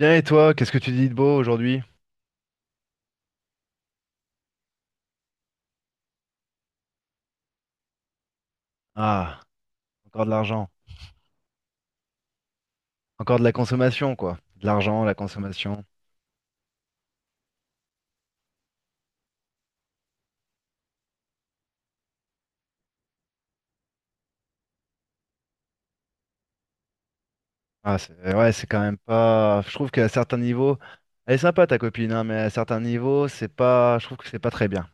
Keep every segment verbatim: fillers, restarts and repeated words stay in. Bien et toi, qu'est-ce que tu dis de beau aujourd'hui? Ah, encore de l'argent. Encore de la consommation, quoi. De l'argent, la consommation. Ah, c'est ouais, c'est quand même pas. Je trouve qu'à certains niveaux, elle est sympa ta copine, hein, mais à certains niveaux, c'est pas. Je trouve que c'est pas très bien.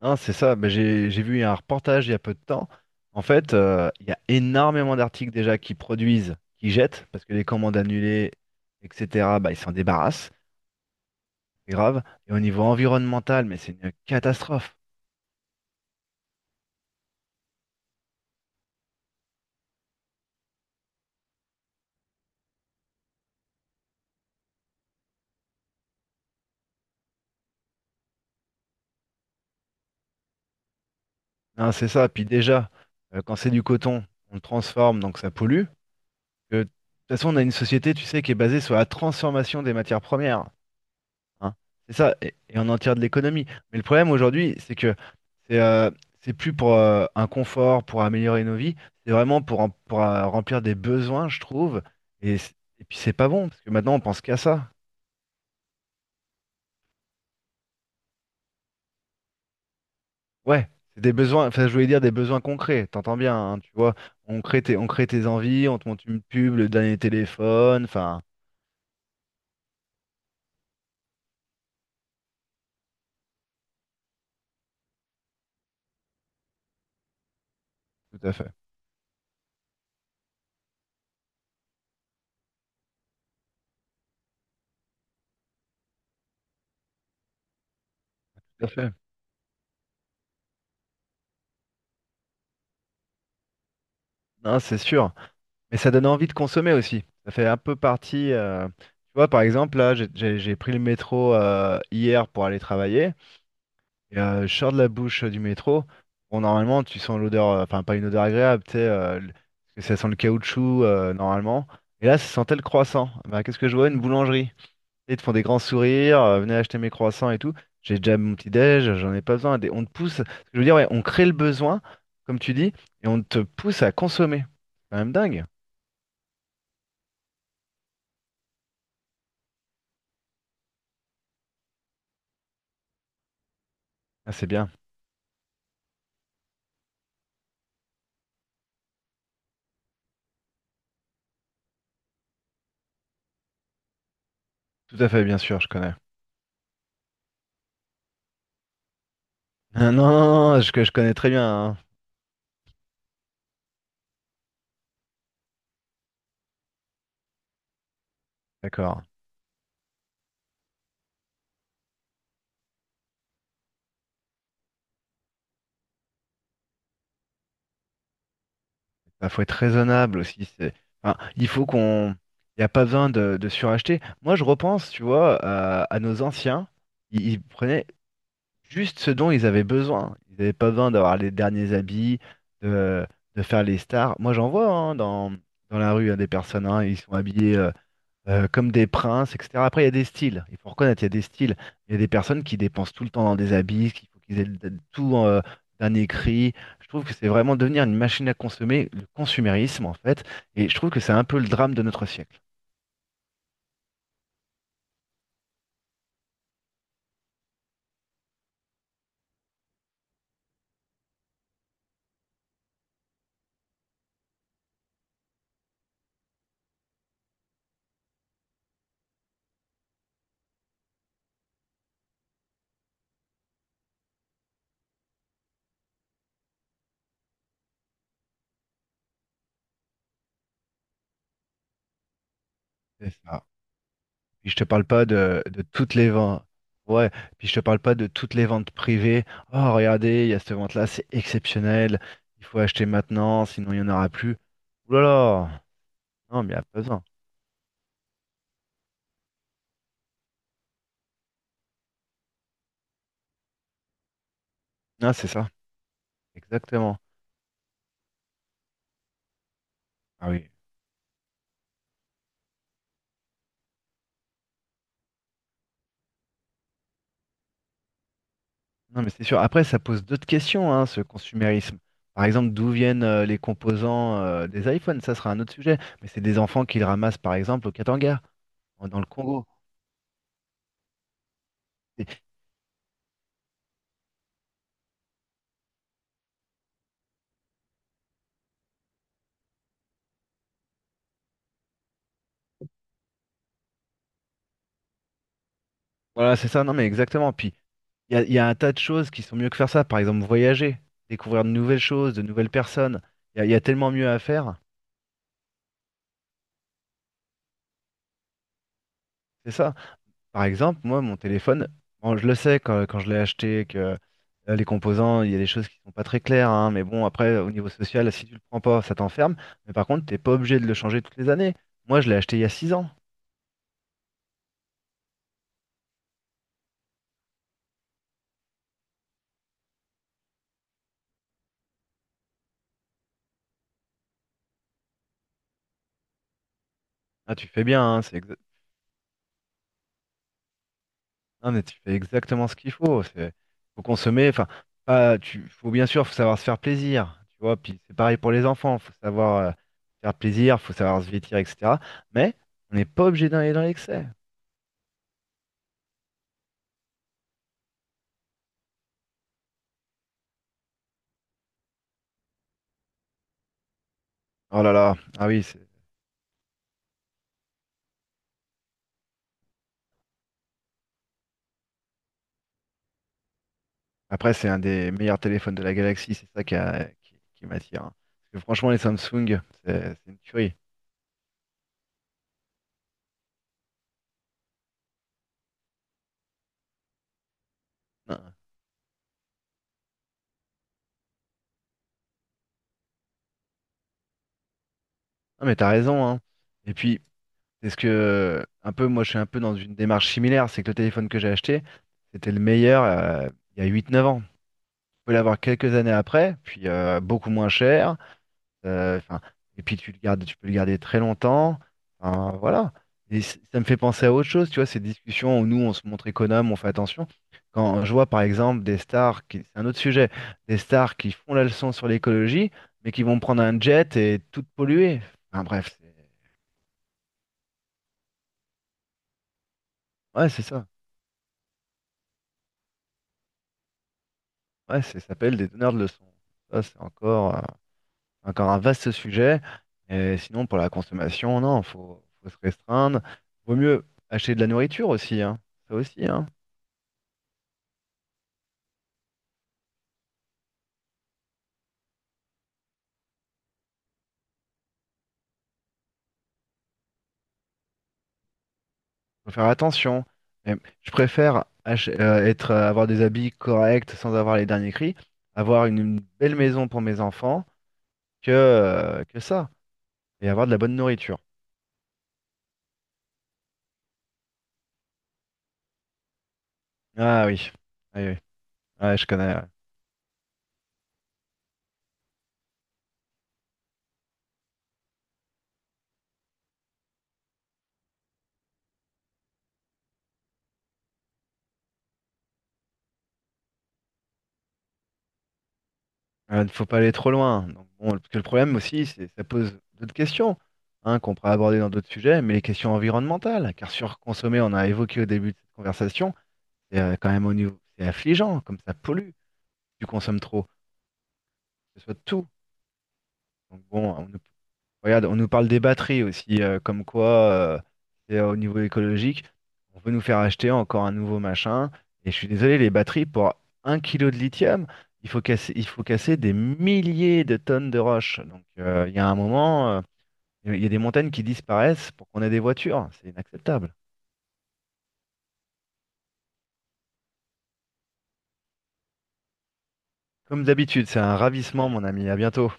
Hein, c'est ça. Ben, j'ai j'ai vu un reportage il y a peu de temps. En fait, euh, il y a énormément d'articles déjà qui produisent, qui jettent, parce que les commandes annulées, et cetera. Bah, ils s'en débarrassent. C'est grave. Et au niveau environnemental, mais c'est une catastrophe. Non, c'est ça. Puis déjà, euh, quand c'est du coton, on le transforme, donc ça pollue. Que, de toute façon, on a une société, tu sais, qui est basée sur la transformation des matières premières, hein. C'est ça, et, et on en tire de l'économie. Mais le problème aujourd'hui, c'est que c'est euh, c'est plus pour euh, un confort, pour améliorer nos vies, c'est vraiment pour, rem- pour euh, remplir des besoins, je trouve. Et, c- et puis c'est pas bon, parce que maintenant on pense qu'à ça. Ouais, c'est des besoins, enfin je voulais dire des besoins concrets, t'entends bien, hein, tu vois. On crée tes, on crée tes envies, on te monte une pub, le dernier téléphone, enfin. Tout à fait, tout à fait. Non, c'est sûr. Mais ça donne envie de consommer aussi. Ça fait un peu partie. euh, Tu vois, par exemple, là, j'ai j'ai- j'ai pris le métro euh, hier pour aller travailler. Et euh, je sors de la bouche euh, du métro. Bon, normalement, tu sens l'odeur, euh, enfin, pas une odeur agréable, tu sais, euh, le- parce que ça sent le caoutchouc, euh, normalement. Et là, ça sentait le croissant. Bah, qu'est-ce que je vois? Une boulangerie. Ils te font des grands sourires, euh, venez acheter mes croissants et tout. J'ai déjà mon petit-déj, j'en ai pas besoin. Des- On te pousse, ce que je veux dire, ouais, on crée le besoin, comme tu dis, et on te pousse à consommer. C'est quand même dingue. Ah, c'est bien. Tout à fait, bien sûr, je connais. Ah, non, non, non, je, je connais très bien, hein. D'accord. Il faut être raisonnable aussi. C'est- enfin, il faut qu'on. Il n'y a pas besoin de, de suracheter. Moi, je repense, tu vois, à, à nos anciens. Ils, ils prenaient juste ce dont ils avaient besoin. Ils n'avaient pas besoin d'avoir les derniers habits, de, de faire les stars. Moi, j'en vois hein, dans, dans la rue hein, des personnes, hein, ils sont habillés euh, euh, comme des princes, et cetera. Après, il y a des styles. Il faut reconnaître, il y a des styles. Il y a des personnes qui dépensent tout le temps dans des habits, qu'il faut qu'ils aient le- tout euh, d'un écrit. Je trouve que c'est vraiment devenir une machine à consommer, le consumérisme en fait. Et je trouve que c'est un peu le drame de notre siècle. C'est ça. Puis je te parle pas de, de toutes les ventes. Ouais, puis je te parle pas de toutes les ventes privées. Oh, regardez, il y a cette vente-là, c'est exceptionnel. Il faut acheter maintenant, sinon il n'y en aura plus. Ouh là là! Non, mais il n'y a pas besoin. Non, c'est ça. Exactement. Ah oui. Non, mais c'est sûr. Après, ça pose d'autres questions, hein, ce consumérisme. Par exemple, d'où viennent euh, les composants euh, des iPhones? Ça sera un autre sujet. Mais c'est des enfants qui le ramassent, par exemple, au Katanga, en- dans le Congo. Et. Voilà, c'est ça. Non, mais exactement. Puis il y a, il y a un tas de choses qui sont mieux que faire ça. Par exemple, voyager, découvrir de nouvelles choses, de nouvelles personnes. Il y a, il y a tellement mieux à faire. C'est ça. Par exemple, moi, mon téléphone, bon, je le sais quand, quand je l'ai acheté, que euh, les composants, il y a des choses qui sont pas très claires, hein, mais bon, après, au niveau social, si tu le prends pas, ça t'enferme. Mais par contre, t'es pas obligé de le changer toutes les années. Moi, je l'ai acheté il y a six ans. Ah, tu fais bien, hein, c'est exa- non, mais tu fais exactement ce qu'il faut. C'est, faut consommer. Enfin, pas, tu, faut bien sûr, faut savoir se faire plaisir. Tu vois, puis c'est pareil pour les enfants. Faut savoir euh, faire plaisir, faut savoir se vêtir, et cetera. Mais on n'est pas obligé d'aller dans l'excès. Oh là là. Ah oui. c'est- Après, c'est un des meilleurs téléphones de la galaxie. C'est ça qui, a- qui, qui m'attire, hein. Parce que franchement, les Samsung, c'est c'est une tuerie. Non, non, mais t'as raison, hein. Et puis, c'est ce que, un peu, moi, je suis un peu dans une démarche similaire. C'est que le téléphone que j'ai acheté, c'était le meilleur euh, il y a huit, neuf ans. Tu peux l'avoir quelques années après, puis euh, beaucoup moins cher. euh, enfin, et puis tu le gardes, tu peux le garder très longtemps. Enfin, voilà. Et c- ça me fait penser à autre chose, tu vois, ces discussions où nous, on se montre économe, on fait attention. Quand je vois, par exemple, des stars, qui, c'est un autre sujet, des stars qui font la leçon sur l'écologie, mais qui vont prendre un jet et tout polluer. Enfin, bref, c'est- ouais, c'est ça. Ouais, ça s'appelle des donneurs de leçons. Ça, c'est encore, euh, encore un vaste sujet. Et sinon, pour la consommation, non, faut, faut se restreindre. Vaut mieux acheter de la nourriture aussi, hein. Ça aussi, hein. Faut faire attention. Mais je préfère ach- euh, être, euh, avoir des habits corrects sans avoir les derniers cris, avoir une, une belle maison pour mes enfants que, euh, que ça. Et avoir de la bonne nourriture. Ah oui. Ah oui, oui. Ouais, je connais, ouais. Il ne faut pas aller trop loin. Donc, bon, parce que le problème aussi, c'est ça pose d'autres questions hein, qu'on pourra aborder dans d'autres sujets, mais les questions environnementales. Car surconsommer, on a évoqué au début de cette conversation, c'est euh, quand même au niveau, c'est affligeant, comme ça pollue. Tu consommes trop, que ce soit de tout. Donc bon, on ne. Regarde, on nous parle des batteries aussi, euh, comme quoi, euh, c'est, euh, au niveau écologique, on veut nous faire acheter encore un nouveau machin. Et je suis désolé, les batteries, pour un kilo de lithium, il faut casser, il faut casser des milliers de tonnes de roches. Donc, euh, il y a un moment, euh, il y a des montagnes qui disparaissent pour qu'on ait des voitures. C'est inacceptable. Comme d'habitude, c'est un ravissement, mon ami. À bientôt.